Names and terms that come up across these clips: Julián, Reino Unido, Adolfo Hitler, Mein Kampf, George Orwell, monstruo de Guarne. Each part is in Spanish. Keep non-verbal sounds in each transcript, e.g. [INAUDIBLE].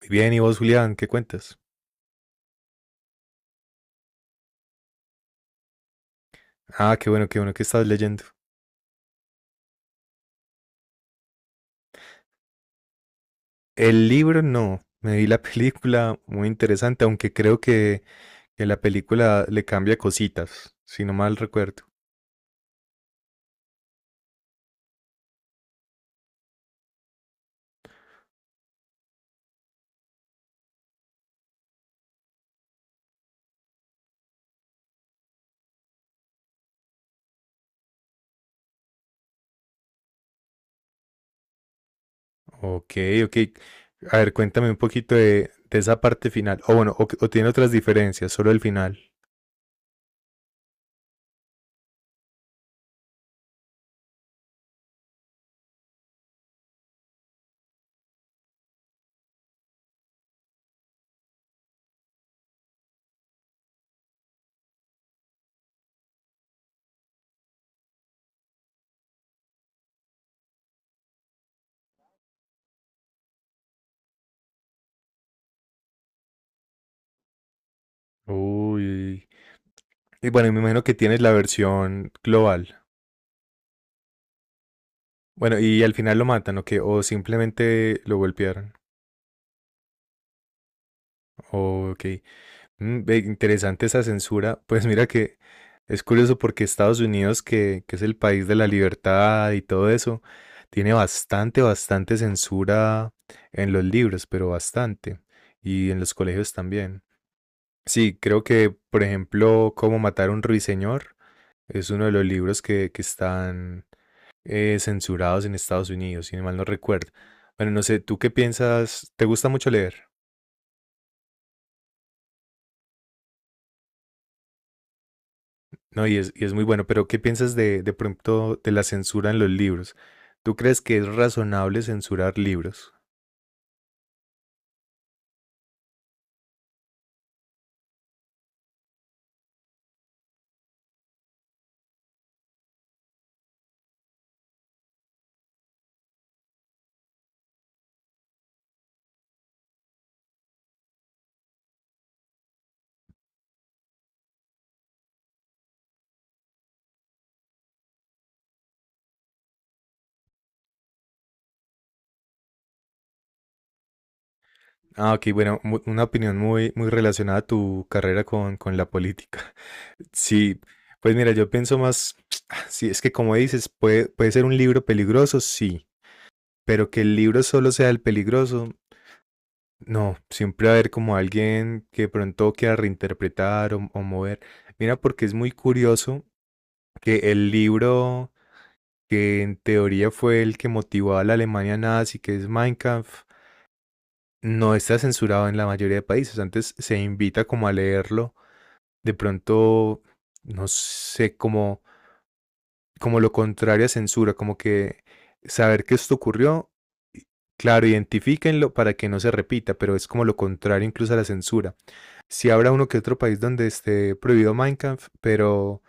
Muy bien, ¿y vos, Julián, qué cuentas? Ah, qué bueno que estás leyendo. El libro no, me vi la [LAUGHS] película muy interesante, aunque que la película le cambia cositas, si no mal recuerdo. Ok, ok. A ver, cuéntame un poquito de esa parte final. O bueno, o tiene otras diferencias, solo el final. Uy. Y bueno, me imagino que tienes la versión global. Bueno, y al final lo matan, ¿o qué? O simplemente lo golpearon. Ok. Mm, ve, interesante esa censura. [LAUGHS] Pues mira que es curioso porque Estados Unidos, que es el país de la libertad y todo eso, tiene bastante censura en los libros, pero bastante. Y en los colegios también. Sí, por ejemplo, Cómo matar a un ruiseñor es uno de los libros que están censurados en Estados Unidos, si mal no recuerdo. Bueno, no sé, ¿tú qué piensas? ¿Te gusta mucho leer? No, y es muy bueno, pero ¿qué piensas de pronto de la censura en los libros? ¿Tú crees que es razonable censurar libros? Ah, ok, bueno, una opinión muy relacionada a tu carrera con la política. [LAUGHS] Sí, pues mira, [SNIFFS] [TSK] sí, es que como dices, puede ser un libro peligroso, sí, pero que el libro solo sea el peligroso, no, siempre va a haber como alguien que pronto quiera reinterpretar o mover. Mira, porque es muy curioso que el libro que en teoría fue el que motivó a la Alemania nazi, que es Mein Kampf, no está censurado en la mayoría de países. Antes se invita como a leerlo, de pronto, no sé, como, como lo contrario a censura, como que saber que esto ocurrió, claro, identifíquenlo para que no se repita, pero es como lo contrario incluso a la censura. Si habrá uno que otro país donde esté prohibido Mein Kampf,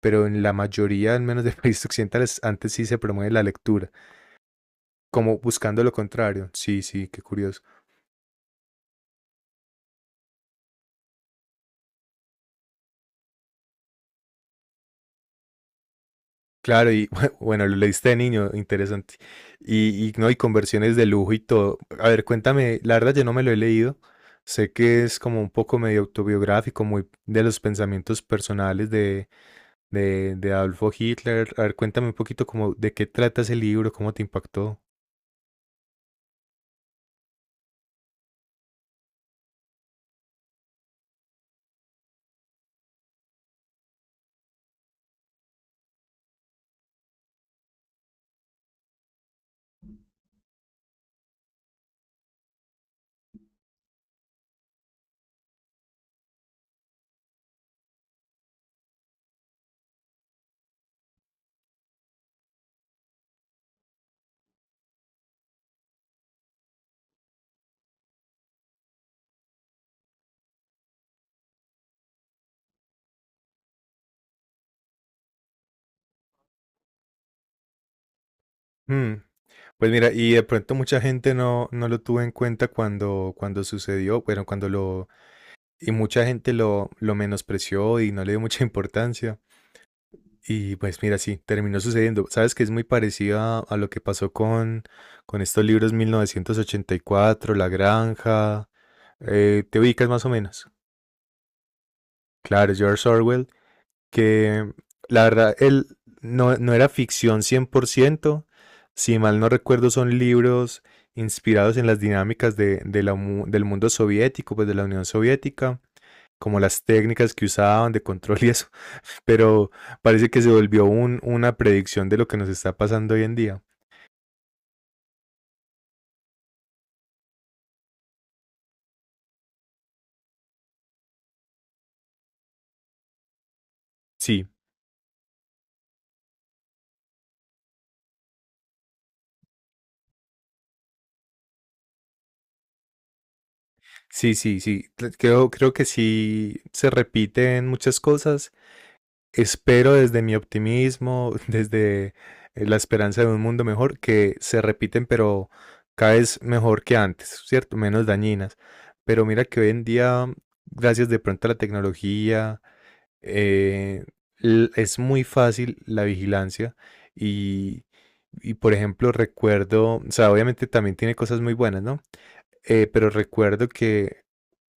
pero en la mayoría, al menos de [LAUGHS] países occidentales, antes sí se promueve la lectura, como buscando lo contrario. Sí, sí, qué curioso. Claro, y [LAUGHS] bueno, lo leíste de niño, interesante. Y no, y conversiones de lujo y todo. A ver, cuéntame, la verdad yo no me lo he leído. Sé que es como un poco medio autobiográfico, muy de los pensamientos personales de Adolfo Hitler. A ver, cuéntame un poquito como de qué trata ese libro, cómo te impactó. Hmm. Pues mira, y de pronto mucha gente no, no lo tuvo en cuenta cuando, cuando sucedió, bueno, y mucha gente lo menospreció y no le dio mucha [LAUGHS] importancia. Y pues mira, sí, terminó sucediendo. Sabes que es muy parecida a lo que pasó con estos libros 1984, La Granja. ¿Te ubicas más o menos? Claro, George Orwell, que la verdad, él no, no era ficción 100%. Si mal no recuerdo, son libros inspirados en las dinámicas de la del mundo soviético, pues de la Unión Soviética, como las técnicas que usaban de control y eso, [LAUGHS] pero parece que se volvió una predicción de lo que nos está pasando hoy en día. Sí, sí, sí, sí, creo que sí se repiten muchas cosas. Espero desde mi optimismo, [LAUGHS] desde la esperanza de un mundo mejor, que se repiten, pero cada vez mejor que antes, ¿cierto? Menos dañinas. Pero mira que hoy en día, gracias de pronto a la tecnología, eh, es muy fácil la vigilancia y, y, por ejemplo, recuerdo, o sea, obviamente también tiene cosas muy buenas, ¿no? Pero recuerdo que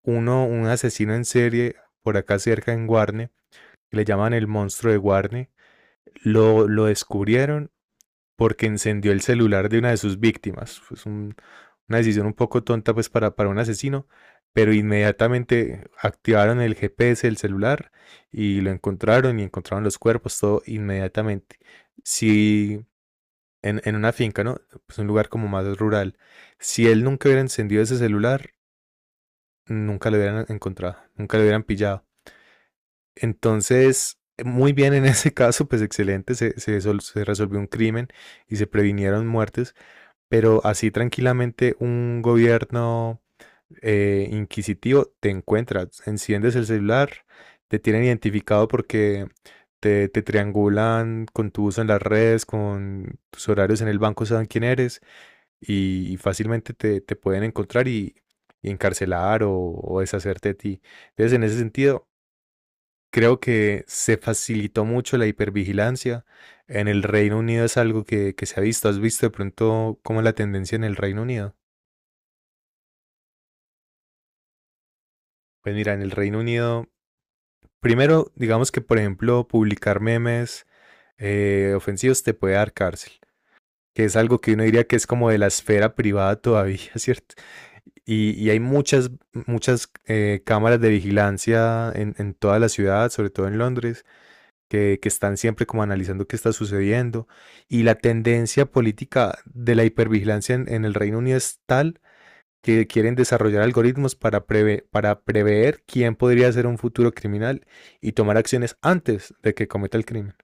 un asesino en serie por acá cerca en Guarne, que le llaman el monstruo de Guarne, lo descubrieron porque encendió el celular de una de sus víctimas. Una decisión un poco tonta pues para un asesino, pero inmediatamente activaron el GPS del celular y lo encontraron y encontraron los cuerpos, todo inmediatamente. Si en una finca, ¿no? Pues un lugar como más rural, si él nunca hubiera encendido ese celular, nunca lo hubieran encontrado, nunca lo hubieran pillado. Entonces, muy bien en ese caso, pues excelente, se resolvió un crimen y se previnieron muertes, pero así tranquilamente un gobierno inquisitivo te encuentra, enciendes el celular, te tienen identificado porque te triangulan con tu uso en las redes, con tus horarios en el banco, saben quién eres y fácilmente te pueden encontrar y encarcelar o deshacerte de ti. Entonces, en ese sentido, creo que se facilitó mucho la hipervigilancia. En el Reino Unido es algo que se ha visto. ¿Has visto de pronto cómo es la tendencia en el Reino Unido? Pues mira, en el Reino Unido, primero, digamos que por ejemplo, publicar memes ofensivos te puede dar cárcel, que es algo que uno diría que es como de la esfera privada todavía, [LAUGHS] ¿cierto? Y hay muchas cámaras de vigilancia en toda la ciudad, sobre todo en Londres, que están siempre como analizando qué está sucediendo. Y la tendencia política de la hipervigilancia en el Reino Unido es tal que quieren desarrollar algoritmos para prever quién podría ser un futuro criminal y tomar acciones antes de que cometa el crimen.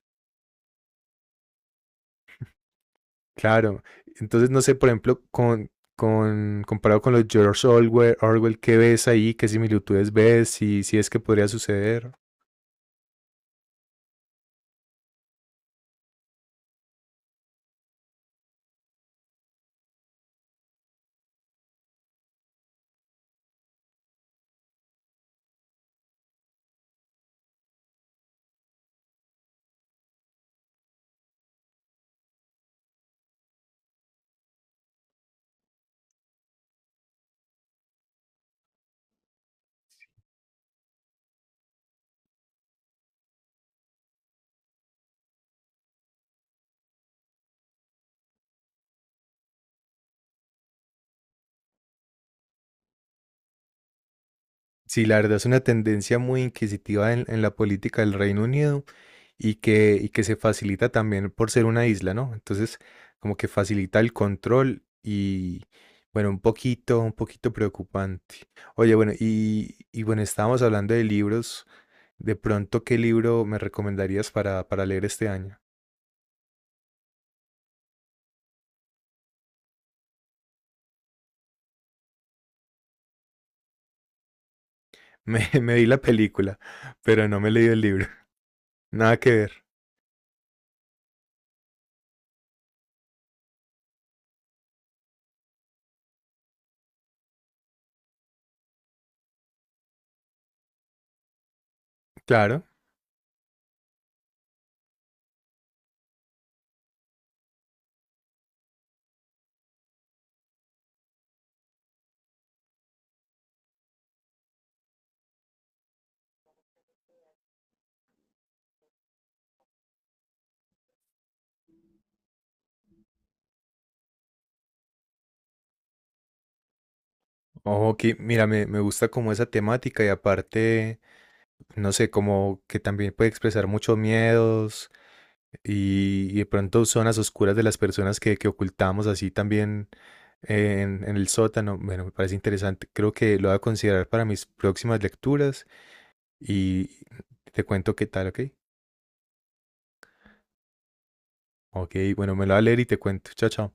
Claro, entonces no sé, por ejemplo, comparado con los Orwell, ¿qué ves ahí? ¿Qué similitudes ves? Si, si es que podría suceder. Sí, la verdad es una tendencia muy inquisitiva en la política del Reino Unido y y que se facilita también por ser una isla, ¿no? Entonces, como que facilita el control y, bueno, un poquito preocupante. Oye, bueno, y bueno, estábamos hablando de libros. De pronto, ¿qué libro me recomendarías para leer este año? [LAUGHS] Me vi la película, pero no me he leído el libro. [LAUGHS] Nada que ver. Claro. Ok, mira, me gusta como esa temática y aparte, no sé, como que también puede expresar muchos miedos y de pronto zonas oscuras de las personas que ocultamos así también en el sótano. Bueno, me parece interesante. Creo que lo voy a considerar para mis próximas lecturas y te cuento qué tal, ¿ok? Ok, bueno, me lo voy a leer y te cuento. Chao, chao.